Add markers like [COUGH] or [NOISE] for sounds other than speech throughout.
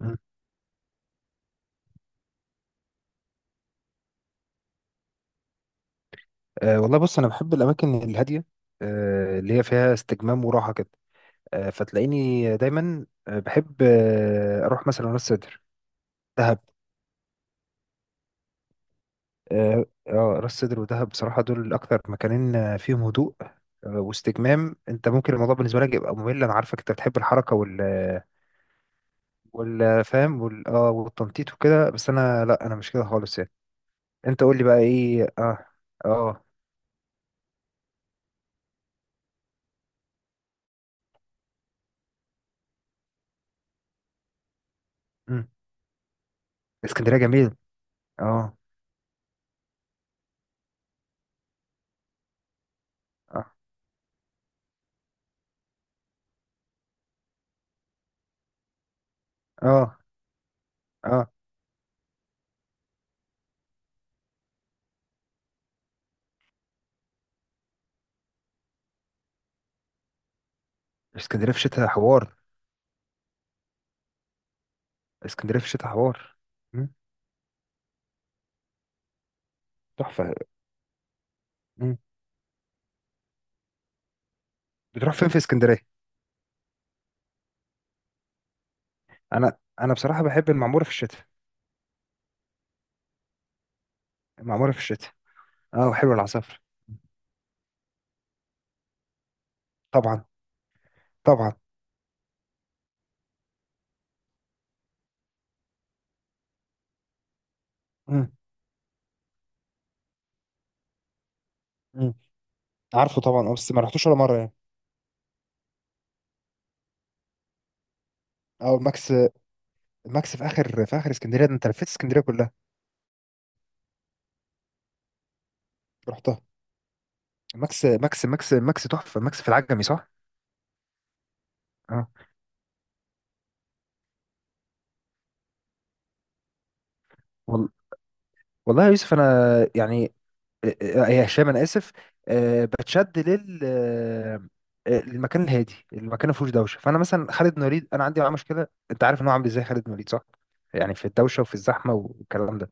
مم. والله بص انا بحب الاماكن الهاديه، اللي هي فيها استجمام وراحه كده. فتلاقيني دايما بحب اروح مثلا راس سدر، دهب. راس سدر ودهب بصراحه دول اكتر مكانين فيهم هدوء واستجمام. انت ممكن الموضوع بالنسبه لك يبقى ممل، انا عارفك انت بتحب الحركه وال والفهم وال اه والتنطيط وكده، بس انا لا، انا مش كده خالص يعني. انت قول لي بقى ايه. اه. اه. مم. اسكندريه جميل. اه. اه. اه. اه. اسكندريه في الشتاء حوار. اسكندريه في الشتاء حوار. مم. تحفه. مم. بتروح فين في اسكندريه؟ انا بصراحه بحب المعموره في الشتاء. المعموره في الشتاء. اه وحلو العصافر. طبعا. طبعا. مم. مم. عارفه طبعا اه، بس ما رحتوش ولا مره يعني. او الماكس. الماكس في اخر، في اخر اسكندريه، ده انت لفيت اسكندريه كلها. رحتها. ماكس ماكس ماكس ماكس تحفه، ماكس في العجمي صح؟ اه. وال... والله يا يوسف انا، يعني يا هشام انا اسف. آه، بتشد لل آه، آه، للمكان الهادي، المكان ما فيهوش دوشه. فانا مثلا خالد نوليد انا عندي معاه مشكله، انت عارف ان هو عامل ازاي خالد نوليد صح؟ يعني في الدوشه وفي الزحمه والكلام ده.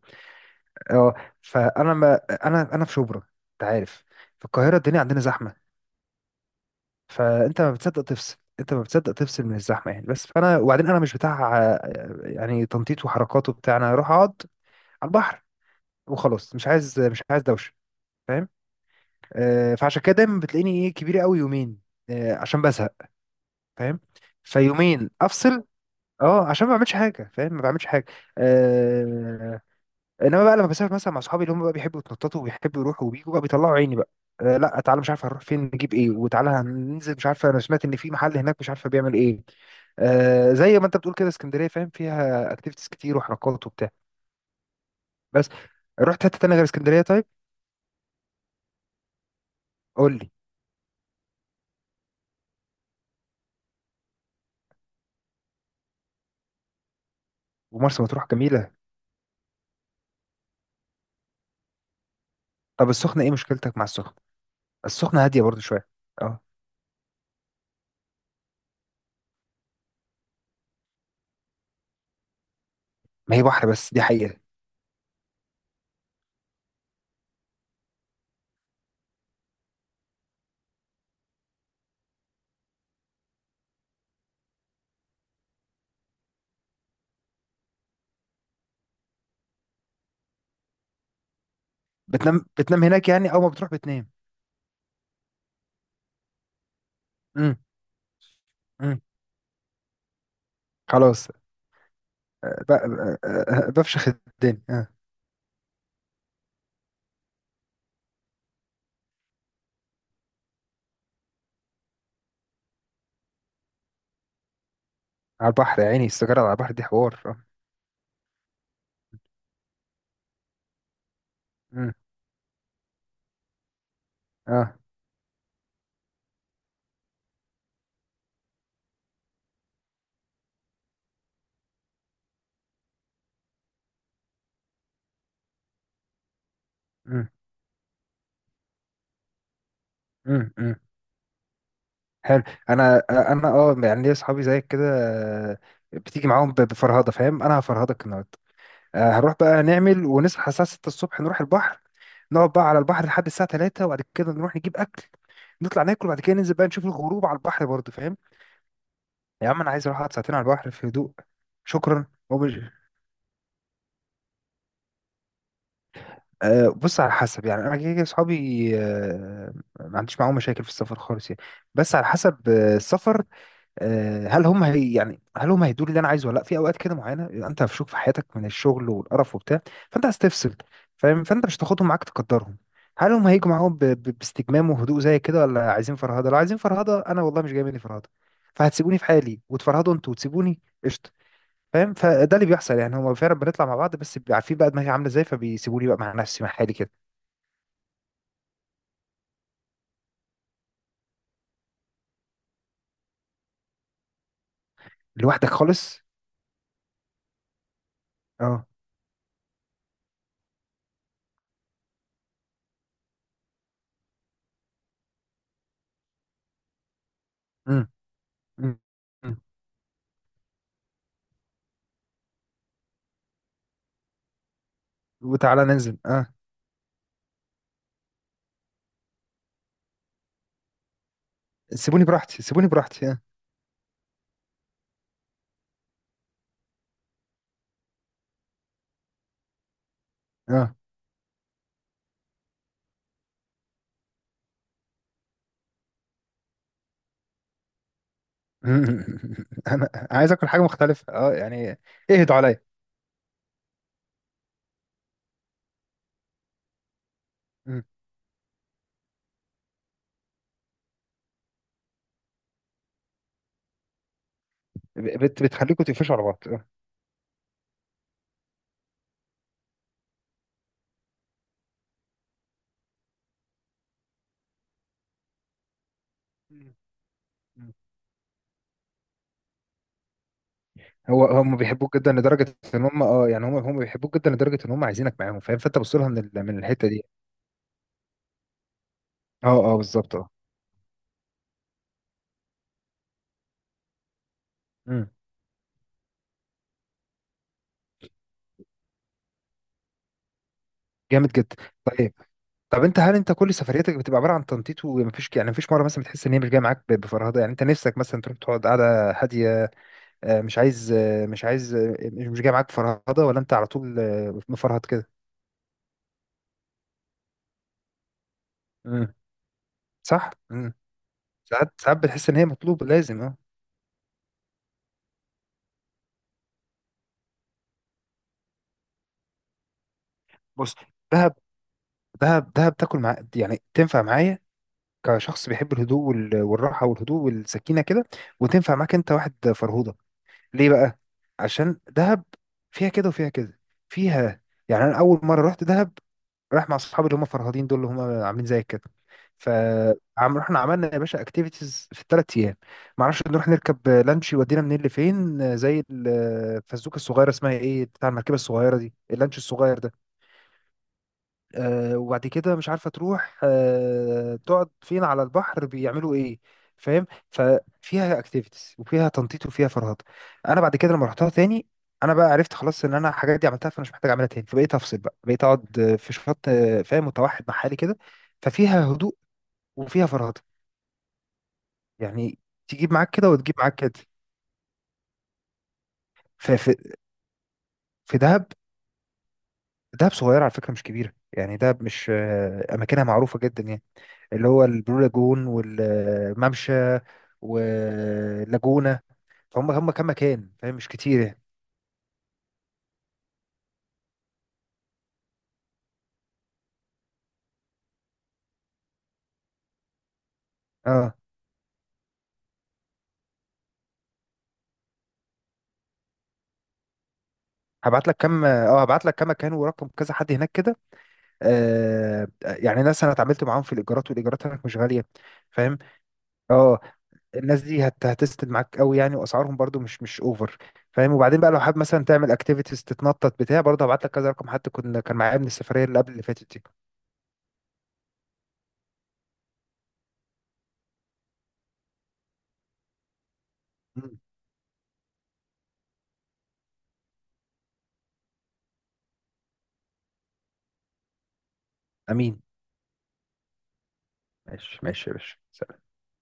اه. فانا ما انا في شبرا، انت عارف، في القاهره الدنيا عندنا زحمه. فانت ما بتصدق تفصل، انت ما بتصدق تفصل من الزحمه يعني. بس فانا وبعدين انا مش بتاع يعني تنطيط وحركات وبتاع، انا اروح اقعد على البحر وخلاص، مش عايز دوشه، فاهم؟ فعشان كده دايما بتلاقيني ايه كبير قوي يومين عشان بزهق، فاهم؟ فيومين افصل اه، عشان ما بعملش حاجه فاهم، ما بعملش حاجه. آه انما بقى لما بسافر مثلا مع اصحابي اللي هم بقى بيحبوا يتنططوا وبيحبوا يروحوا وبيجوا بقى بيطلعوا عيني بقى. لا تعالى مش عارف هنروح فين، نجيب ايه، وتعالى هننزل مش عارفه، انا سمعت ان في محل هناك مش عارفه بيعمل ايه. زي ما انت بتقول كده، اسكندريه فاهم فيها اكتيفيتيز كتير وحركات وبتاع، بس. رحت حته تانيه غير اسكندريه طيب؟ قول لي. ومرسى مطروح جميله. طب السخنه ايه مشكلتك مع السخنه؟ السخنة هادية برضو شوية. اه. ما هي بحر بس دي حقيقة. بتنام، بتنام هناك يعني؟ أول ما بتروح بتنام؟ امم. امم. خلاص. بفشخ الدنيا آه. على البحر يا عيني، السيجارة على البحر دي حوار اه. امم. اه. امم. امم. امم. حلو. أنا اه يعني ليا أصحابي زيك كده آه، بتيجي معاهم بفرهدة، فاهم؟ أنا هفرهدك النهاردة، هنروح بقى نعمل ونصحى الساعة 6 الصبح نروح البحر، نقعد بقى على البحر لحد الساعة 3، وبعد كده نروح نجيب أكل، نطلع ناكل، وبعد كده ننزل بقى نشوف الغروب على البحر برضه، فاهم؟ يا عم أنا عايز أروح أقعد ساعتين على البحر في هدوء، شكرا ومش. أه بص على حسب يعني، أنا كده كده أصحابي أه، ما عنديش معاهم مشاكل في السفر خالص يعني، بس على حسب السفر، آه، هل هم هي يعني هل هم هيدوا لي اللي انا عايزه ولا لا. في اوقات كده معينه بيبقى انت مفشوخ في حياتك من الشغل والقرف وبتاع، فانت هتستفسر، فاهم؟ فانت مش هتاخدهم معاك تقدرهم. هل هم هيجوا معاهم باستجمام وهدوء زي كده ولا عايزين فرهده؟ لو عايزين فرهده انا والله مش جاي مني فرهده، فهتسيبوني في حالي وتفرهدوا انتوا وتسيبوني قشطه، فاهم؟ فده اللي بيحصل يعني، هم فعلا بنطلع مع بعض بس بيبقى عارفين بقى دماغي عامله ازاي فبيسيبوني بقى مع نفسي مع حالي كده. لوحدك خالص؟ اه. امم. أمم. امم. وتعالى ننزل اه. سيبوني براحتي، سيبوني براحتي اه. اه. [LAUGHS] انا عايز اكل حاجه مختلفه اه يعني. اهدوا عليا. مم. بتخليكم تقفشوا على بعض آه. مم. مم. هو هم بيحبوك جدا لدرجه ان هم اه يعني، هم بيحبوك جدا لدرجه ان هم عايزينك معاهم، فاهم؟ فانت بص لها من الحته دي. اه. اه بالظبط اه. مم. جامد جدا. طيب. طب انت هل انت كل سفرياتك بتبقى عباره عن تنطيط ومفيش، يعني مفيش مره مثلا بتحس ان هي مش جايه معاك بفرهده، يعني انت نفسك مثلا تروح تقعد قاعده هاديه آه، مش عايز آه، مش عايز آه، مش مش جايه معاك بفرهده؟ ولا انت على طول مفرهد كده؟ صح. مم. ساعات، ساعات بتحس ان هي مطلوبه لازم اه. بص، دهب، دهب تاكل مع، يعني تنفع معايا كشخص بيحب الهدوء والراحه والهدوء والسكينه كده، وتنفع معاك انت واحد فرهوده. ليه بقى؟ عشان دهب فيها كده وفيها كده، فيها، يعني انا اول مره رحت دهب رايح مع اصحابي اللي هم فرهادين دول اللي هم عاملين زي كده. ف رحنا عملنا يا باشا اكتيفيتيز في 3 ايام، ما اعرفش نروح نركب لانش يودينا منين لفين زي الفزوكه الصغيره اسمها ايه، بتاع المركبه الصغيره دي اللانش الصغير ده. وبعد كده مش عارفة تروح تقعد فين على البحر بيعملوا ايه، فاهم؟ ففيها اكتيفيتيز وفيها تنطيط وفيها فرهضة. انا بعد كده لما رحتها تاني انا بقى عرفت خلاص ان انا الحاجات دي عملتها، فانا مش محتاج اعملها تاني فبقيت افصل بقى، بقيت اقعد في شط فاهم، متوحد مع حالي كده، ففيها هدوء وفيها فرهضة يعني. تجيب معاك كده وتجيب معاك كده. ففي، في دهب، دهب صغيرة على فكرة مش كبيرة يعني، دهب مش أماكنها معروفة جدا يعني، اللي هو البلو لاجون والممشى واللاجونة، فهم هم كام مكان فاهم مش كتير يعني. اه. هبعت لك كام، اه هبعت لك كام مكان ورقم كذا حد هناك كده، يعني ناس انا اتعاملت معاهم في الايجارات، والايجارات هناك مش غاليه، فاهم؟ اه. الناس دي هتسند معاك قوي يعني، واسعارهم برضو مش، مش اوفر، فاهم؟ وبعدين بقى لو حابب مثلا تعمل اكتيفيتيز تتنطط بتاع برضه هبعت لك كذا رقم حد كنا كان معايا من السفريه اللي قبل اللي فاتت دي. مم. امين. ماشي ماشي يا باشا.